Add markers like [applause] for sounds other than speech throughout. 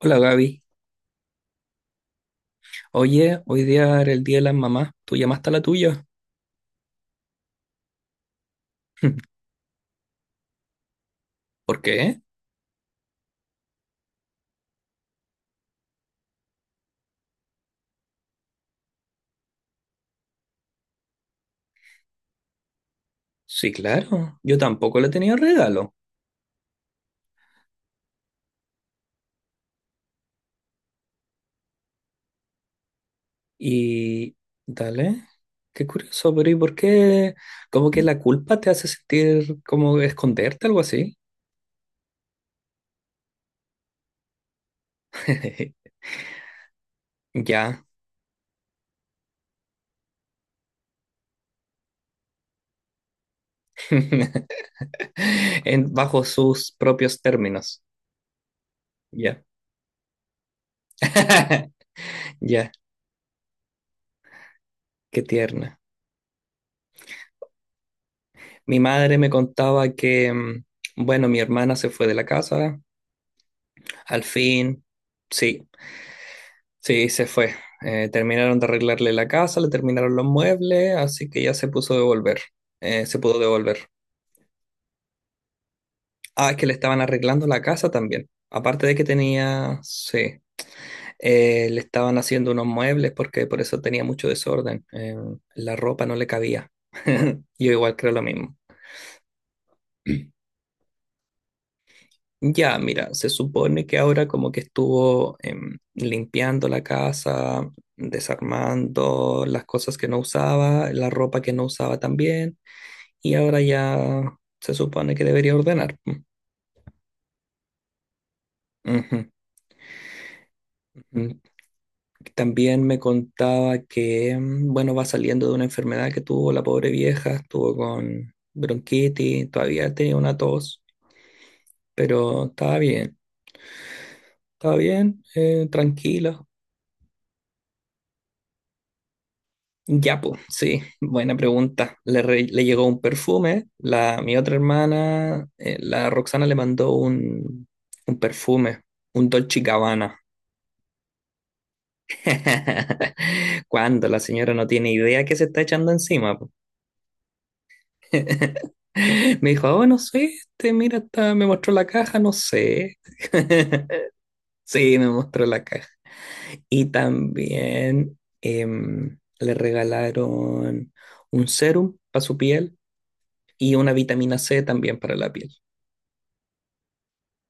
Hola Gaby. Oye, hoy día era el día de las mamás. ¿Tú llamaste a la tuya? [laughs] ¿Por qué? Sí, claro. Yo tampoco le tenía regalo. Y... Dale. Qué curioso, pero ¿y por qué? Como que la culpa te hace sentir como esconderte, algo así. [laughs] Ya. [laughs] Bajo sus propios términos. Ya. [laughs] Ya. Qué tierna. Mi madre me contaba que, bueno, mi hermana se fue de la casa. Al fin. Sí, sí, se fue. Terminaron de arreglarle la casa, le terminaron los muebles, así que ya se puso a devolver. Se pudo devolver. Ah, es que le estaban arreglando la casa también. Aparte de que tenía, sí, le estaban haciendo unos muebles porque por eso tenía mucho desorden. La ropa no le cabía. [laughs] Yo igual creo lo mismo. [clears throat] Ya, mira, se supone que ahora como que estuvo limpiando la casa, desarmando las cosas que no usaba, la ropa que no usaba también. Y ahora ya se supone que debería ordenar. Mm, ujú, ujú. También me contaba que, bueno, va saliendo de una enfermedad que tuvo la pobre vieja, estuvo con bronquitis, todavía tenía una tos, pero estaba bien, tranquila. Ya, pues, sí, buena pregunta. Le, re- le llegó un perfume, la, mi otra hermana, la Roxana le mandó un perfume, un Dolce y Gabbana. [laughs] Cuando la señora no tiene idea que se está echando encima. Po. [laughs] Me dijo, oh, no sé, este, mira, está- me mostró la caja, no sé. [laughs] Sí, me mostró la caja. Y también le regalaron un serum para su piel y una vitamina C también para la piel.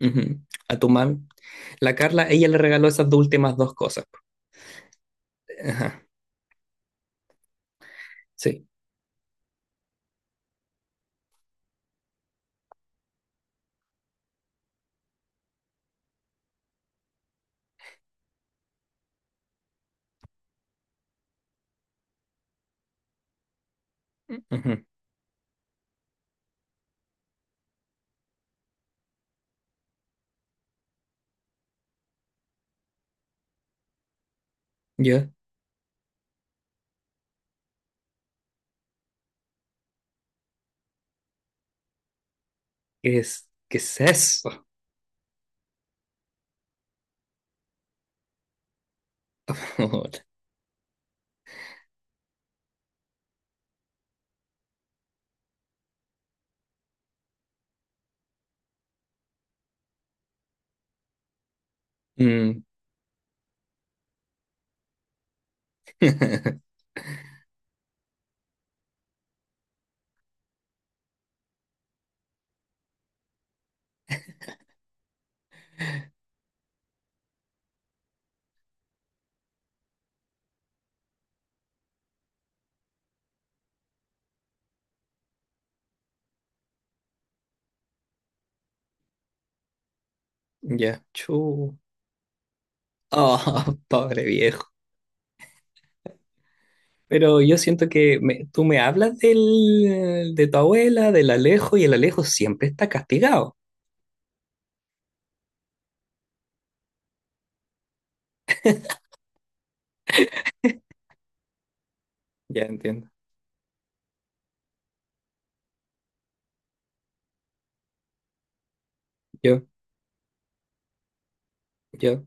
Ujú. A tu mam. La Carla, ella le regaló esas dos últimas dos cosas. Ajá, sí. Ujú. Yo, qué es eso? [laughs] Mm, [laughs] ya, chu. Oh, [laughs] pobre viejo. Pero yo siento que me- tú me hablas del, de tu abuela, del Alejo, y el Alejo siempre está castigado. Ya entiendo. Yo, yo,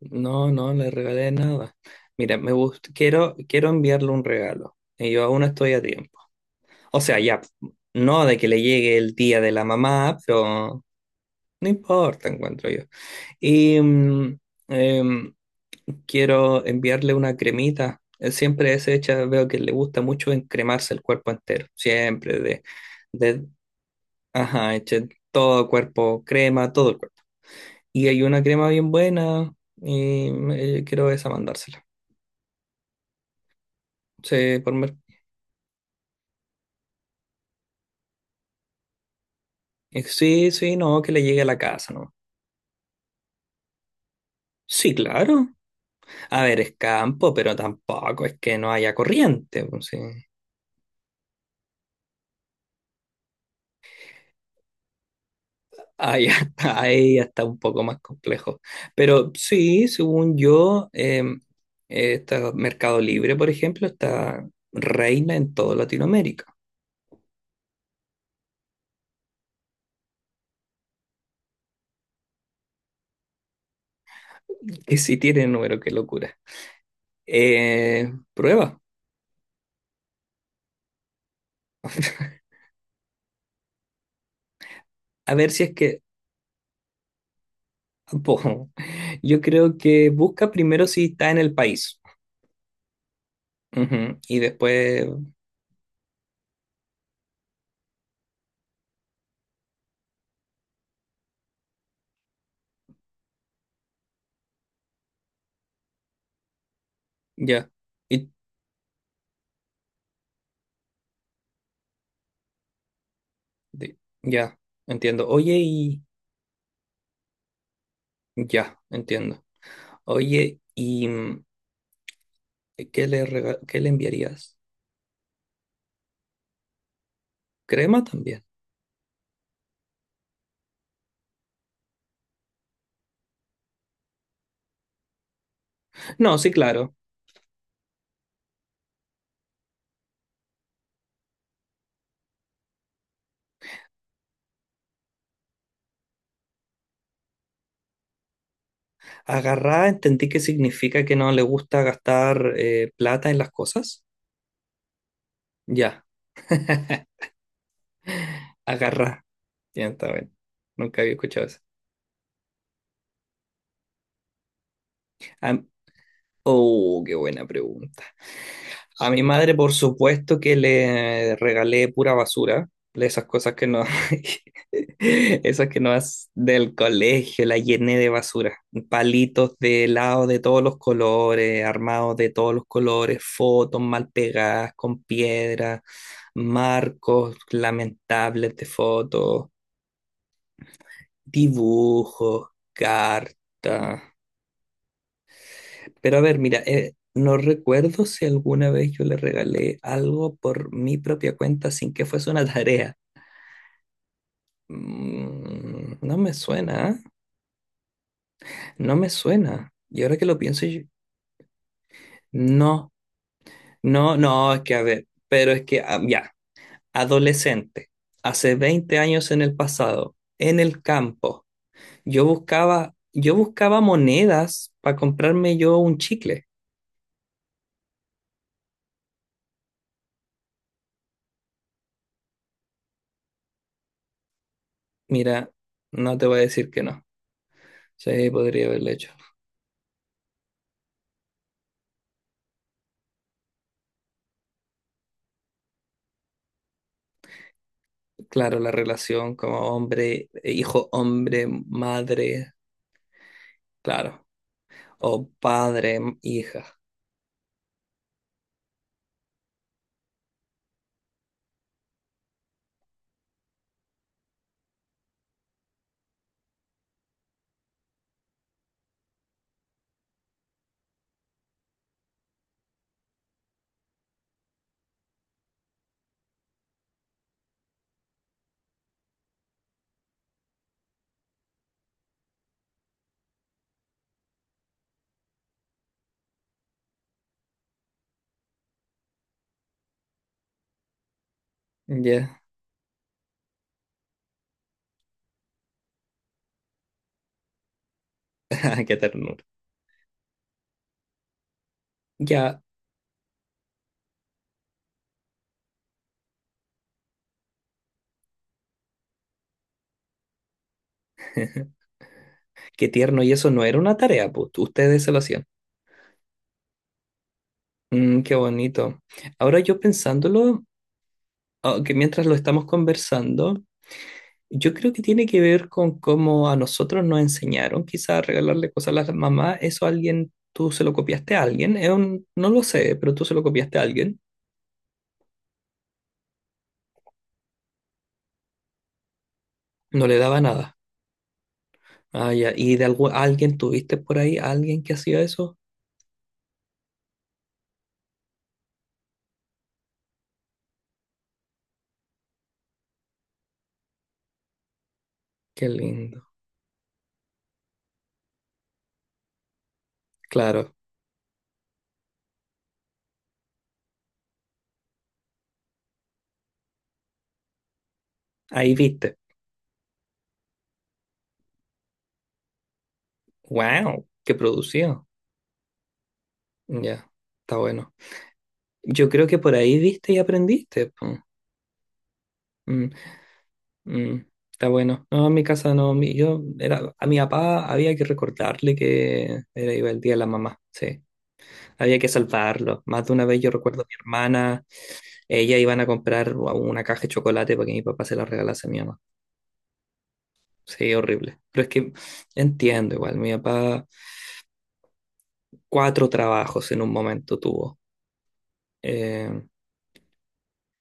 no, no le regalé nada. Mira, me gusta, quiero enviarle un regalo. Y yo aún estoy a tiempo. O sea, ya, no de que le llegue el día de la mamá, pero no importa, encuentro yo. Y, em, quiero enviarle una cremita. Él siempre es hecha, veo que le gusta mucho encremarse el cuerpo entero. Siempre de, ajá, eche todo el cuerpo, crema, todo el cuerpo. Y hay una crema bien buena y quiero esa mandársela. Sí, por mer- sí, sí, no, que le llegue a la casa, ¿no? Sí, claro. A ver, es campo, pero tampoco es que no haya corriente. Pues, sí. Ahí [laughs] está, ahí ya está un poco más complejo. Pero sí, según yo, está Mercado Libre, por ejemplo, está reina en toda Latinoamérica. Que sí tiene número, qué locura. Prueba. [laughs] A ver si es que... po, yo creo que busca primero si está en el país. Ujú, y después, ya. Y, de- ya, entiendo. Oye, y... ya, entiendo. Oye, y... ¿Qué le, rega- qué le enviarías? ¿Crema también? No, sí, claro. Agarrá, entendí que significa que no le gusta gastar plata en las cosas. Ya, [laughs] agarrá. Ya está bien. Nunca había escuchado eso. Am- oh, qué buena pregunta. A mi madre, por supuesto que le regalé pura basura, de esas cosas que no, [laughs] esas que no es del colegio, la llené de basura, palitos de helado de todos los colores, armados de todos los colores, fotos mal pegadas con piedra, marcos lamentables de fotos, dibujos, cartas. Pero a ver, mira, no recuerdo si alguna vez yo le regalé algo por mi propia cuenta sin que fuese una [laughs] tarea. Mm, no me suena, ¿eh? No me suena. Y ahora que lo pienso, yo- no, no, no, es que a ver, pero es que ah, ya, adolescente, hace 20 años en el pasado, en el campo, yo buscaba monedas para comprarme yo un chicle. Mira, no te voy a decir que no. Sí, podría haberlo hecho. Claro, la relación como hombre, hijo, hombre, madre, claro, o padre, m- hija. Ya, [laughs] ah, qué ternura. Ya, [laughs] qué tierno. Y eso no era una tarea, pues ustedes se lo hacían. Mm, qué bonito. Ahora yo pensándolo, ah, que mientras lo estamos conversando, yo creo que tiene que ver con cómo a nosotros nos enseñaron, quizás a regalarle cosas a las mamás. Eso a alguien, tú se lo copiaste a alguien. Es un- no lo sé, pero tú se lo copiaste a alguien. No le daba nada. Ah, ya. ¿Y de algu- alguien tuviste por ahí, alguien que hacía eso? Qué lindo. Claro. Ahí viste. ¡Wow! ¡Qué producido! Ya. Está bueno. Yo creo que por ahí viste y aprendiste. Po. Mm, mm, está bueno. No, en mi casa no. Mi- yo era, a mi papá había que recordarle que era iba el día de la mamá. Sí. Había que salvarlo. Más de una vez yo recuerdo a mi hermana. Ella iban a comprar una caja de chocolate para que mi papá se la regalase a mi mamá. Sí, horrible. Pero es que entiendo igual, mi papá cuatro trabajos en un momento tuvo. Eh,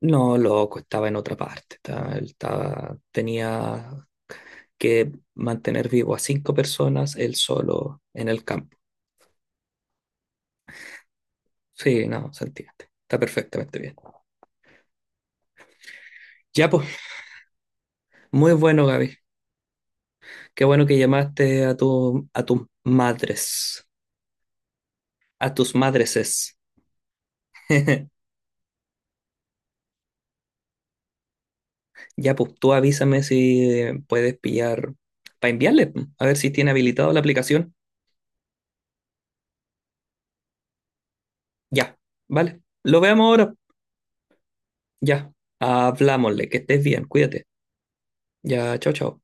no, loco, estaba en otra parte. Él estaba- tenía que mantener vivo a cinco personas él solo en el campo. Sí, no, se entiende. Está perfectamente bien. Ya, pues, muy bueno, Gaby. Qué bueno que llamaste a tus madres, a tus madreses. [laughs] Ya, pues tú avísame si puedes pillar para enviarle, po, a ver si tiene habilitado la aplicación. Ya, vale. Lo veamos ahora. Ya, hablámosle, que estés bien, cuídate. Ya, chao, chao.